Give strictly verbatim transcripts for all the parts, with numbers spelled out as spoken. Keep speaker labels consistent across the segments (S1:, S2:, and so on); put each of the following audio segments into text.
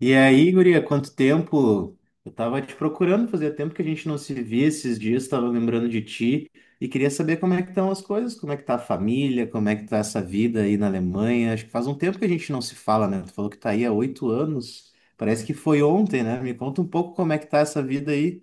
S1: E aí, guria, quanto tempo? Eu tava te procurando, fazia tempo que a gente não se via esses dias, tava lembrando de ti e queria saber como é que estão as coisas, como é que tá a família, como é que tá essa vida aí na Alemanha. Acho que faz um tempo que a gente não se fala, né? Tu falou que tá aí há oito anos, parece que foi ontem, né? Me conta um pouco como é que tá essa vida aí.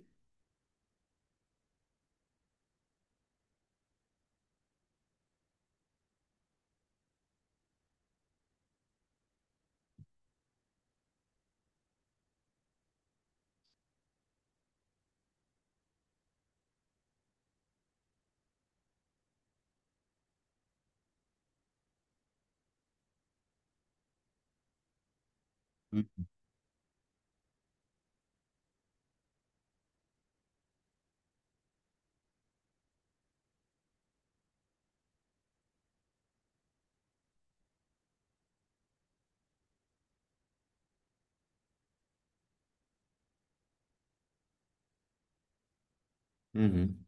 S1: Uhum.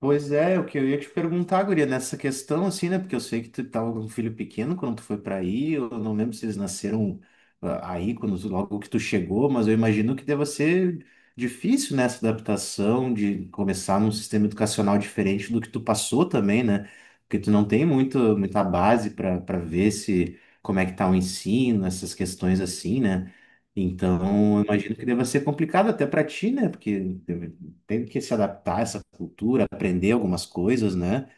S1: Pois é, o que eu ia te perguntar, guria, nessa questão, assim, né? Porque eu sei que tu tava com um filho pequeno quando tu foi para aí, eu não lembro se eles nasceram ah, aí, quando logo que tu chegou, mas eu imagino que deva ser difícil nessa adaptação de começar num sistema educacional diferente do que tu passou também, né? Porque tu não tem muito, muita base para para ver se como é que tá o ensino, essas questões assim, né? Então, eu imagino que deva ser complicado até para ti, né? Porque teve que se adaptar a essa cultura, aprender algumas coisas, né?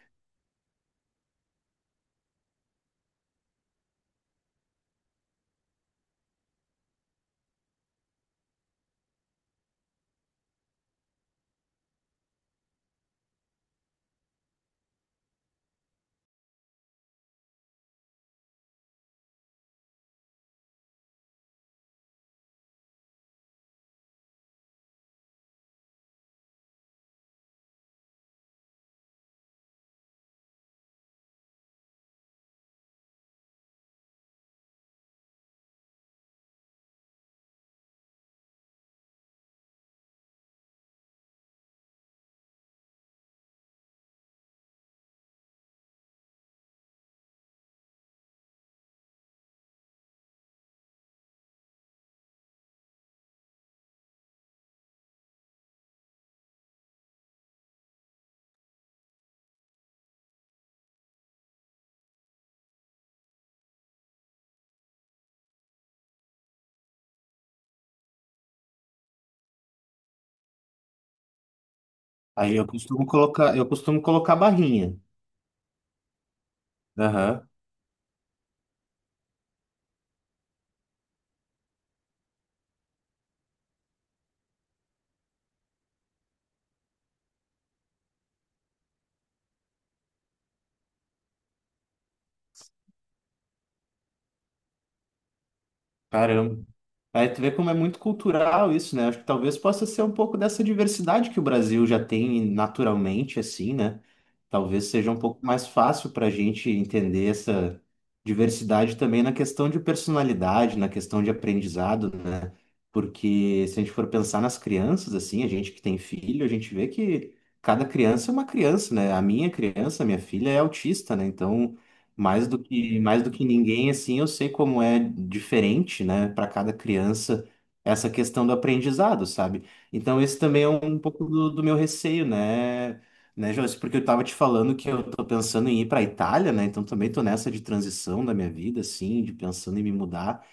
S1: Aí eu costumo colocar, eu costumo colocar barrinha. Aham. Caramba. Aí tu vê como é muito cultural isso, né? Acho que talvez possa ser um pouco dessa diversidade que o Brasil já tem naturalmente, assim, né? Talvez seja um pouco mais fácil para a gente entender essa diversidade também na questão de personalidade, na questão de aprendizado, né? Porque se a gente for pensar nas crianças, assim, a gente que tem filho, a gente vê que cada criança é uma criança, né? A minha criança, a minha filha é autista, né? Então mais do que, mais do que ninguém, assim, eu sei como é diferente, né, para cada criança essa questão do aprendizado, sabe? Então, esse também é um pouco do, do meu receio, né, né, Joyce? Porque eu tava te falando que eu tô pensando em ir para Itália, né? Então, também tô nessa de transição da minha vida, assim, de pensando em me mudar.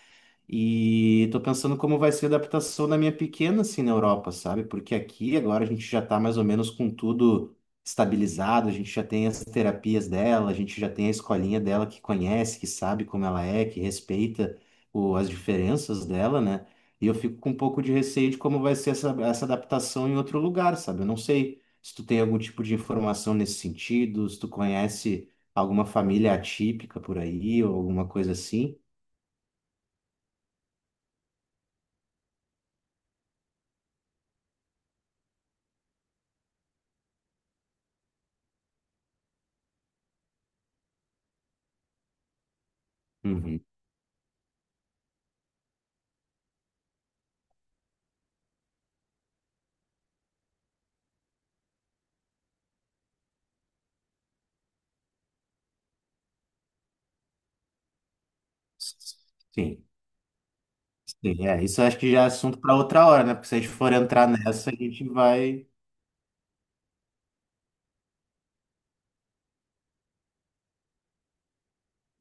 S1: E tô pensando como vai ser a adaptação da minha pequena, assim, na Europa, sabe? Porque aqui agora a gente já tá mais ou menos com tudo estabilizado, a gente já tem as terapias dela, a gente já tem a escolinha dela que conhece, que sabe como ela é, que respeita o, as diferenças dela, né? E eu fico com um pouco de receio de como vai ser essa, essa adaptação em outro lugar, sabe? Eu não sei se tu tem algum tipo de informação nesse sentido, se tu conhece alguma família atípica por aí ou alguma coisa assim. Sim, sim, é. Isso acho que já é assunto para outra hora, né? Porque se a gente for entrar nessa, a gente vai.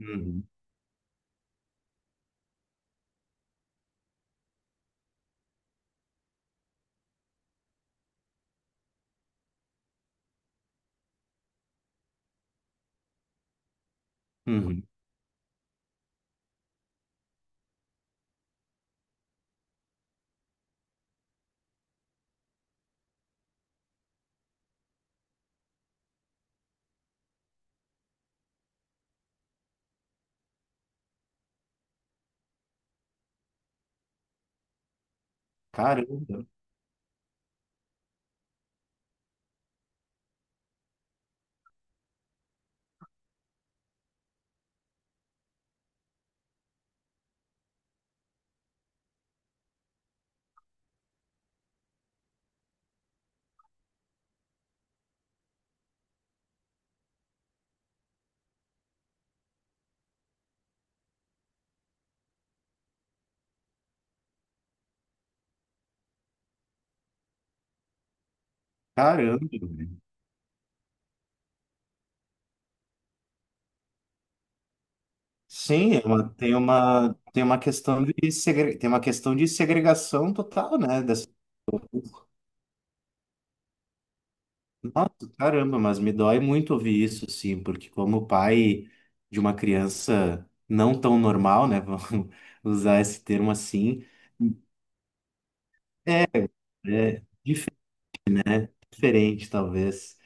S1: Uhum, uhum. Caramba, caramba. Velho. Sim, é uma- tem uma, tem uma questão de segre... tem uma questão de segregação total, né? Dessa... Nossa, caramba, mas me dói muito ouvir isso, sim, porque como pai de uma criança não tão normal, né? Vamos usar esse termo assim, é, é dife- diferente, talvez.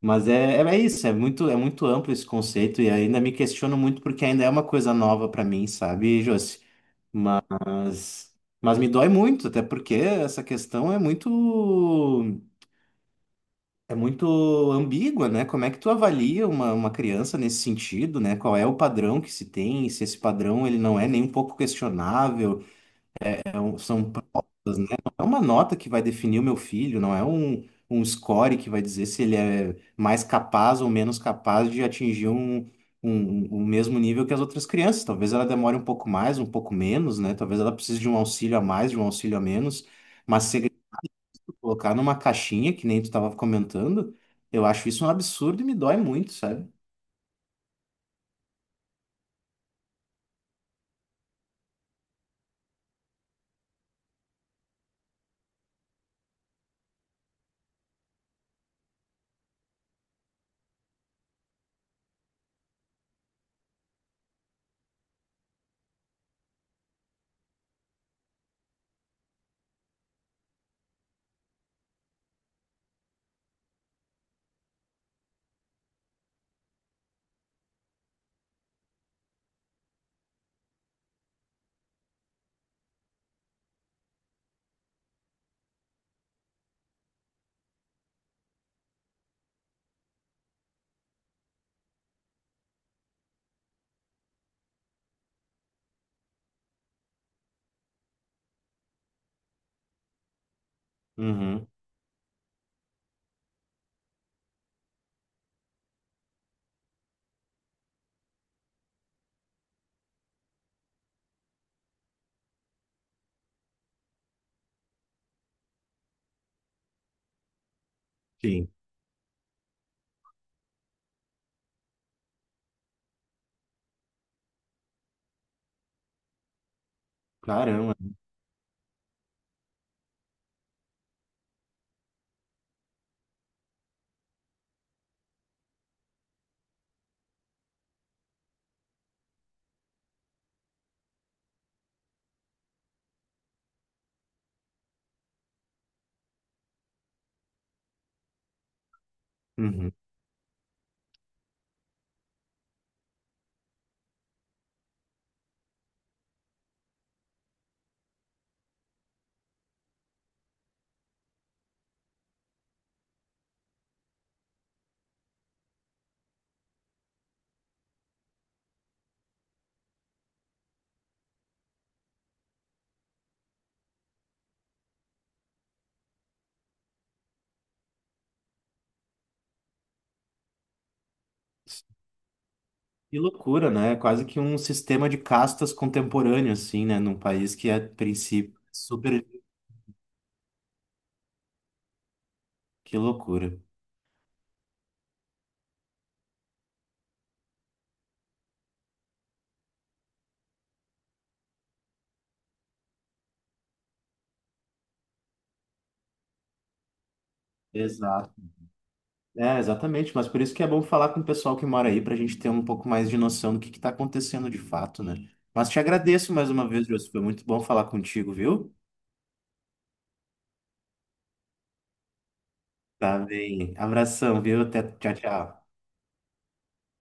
S1: Mas é, é é isso, é muito, é muito amplo esse conceito e ainda me questiono muito porque ainda é uma coisa nova para mim, sabe, Josi? Mas, mas me dói muito, até porque essa questão é muito, é muito ambígua, né? Como é que tu avalia uma, uma criança nesse sentido, né? Qual é o padrão que se tem, se esse padrão ele não é nem um pouco questionável, é um- são provas, né? Não é uma nota que vai definir o meu filho, não é um, um score que vai dizer se ele é mais capaz ou menos capaz de atingir um, um, um mesmo nível que as outras crianças. Talvez ela demore um pouco mais, um pouco menos, né? Talvez ela precise de um auxílio a mais, de um auxílio a menos. Mas se ele colocar numa caixinha, que nem tu estava comentando, eu acho isso um absurdo e me dói muito, sabe? Uhum. Sim. Caramba. Uhum. Que loucura, né? É quase que um sistema de castas contemporâneo, assim, né? Num país que, a princípio, é super. Que loucura. Exato. É, exatamente. Mas por isso que é bom falar com o pessoal que mora aí, para a gente ter um pouco mais de noção do que está acontecendo de fato, né? Mas te agradeço mais uma vez, José. Foi muito bom falar contigo, viu? Tá bem. Abração, viu? Até tchau, tchau.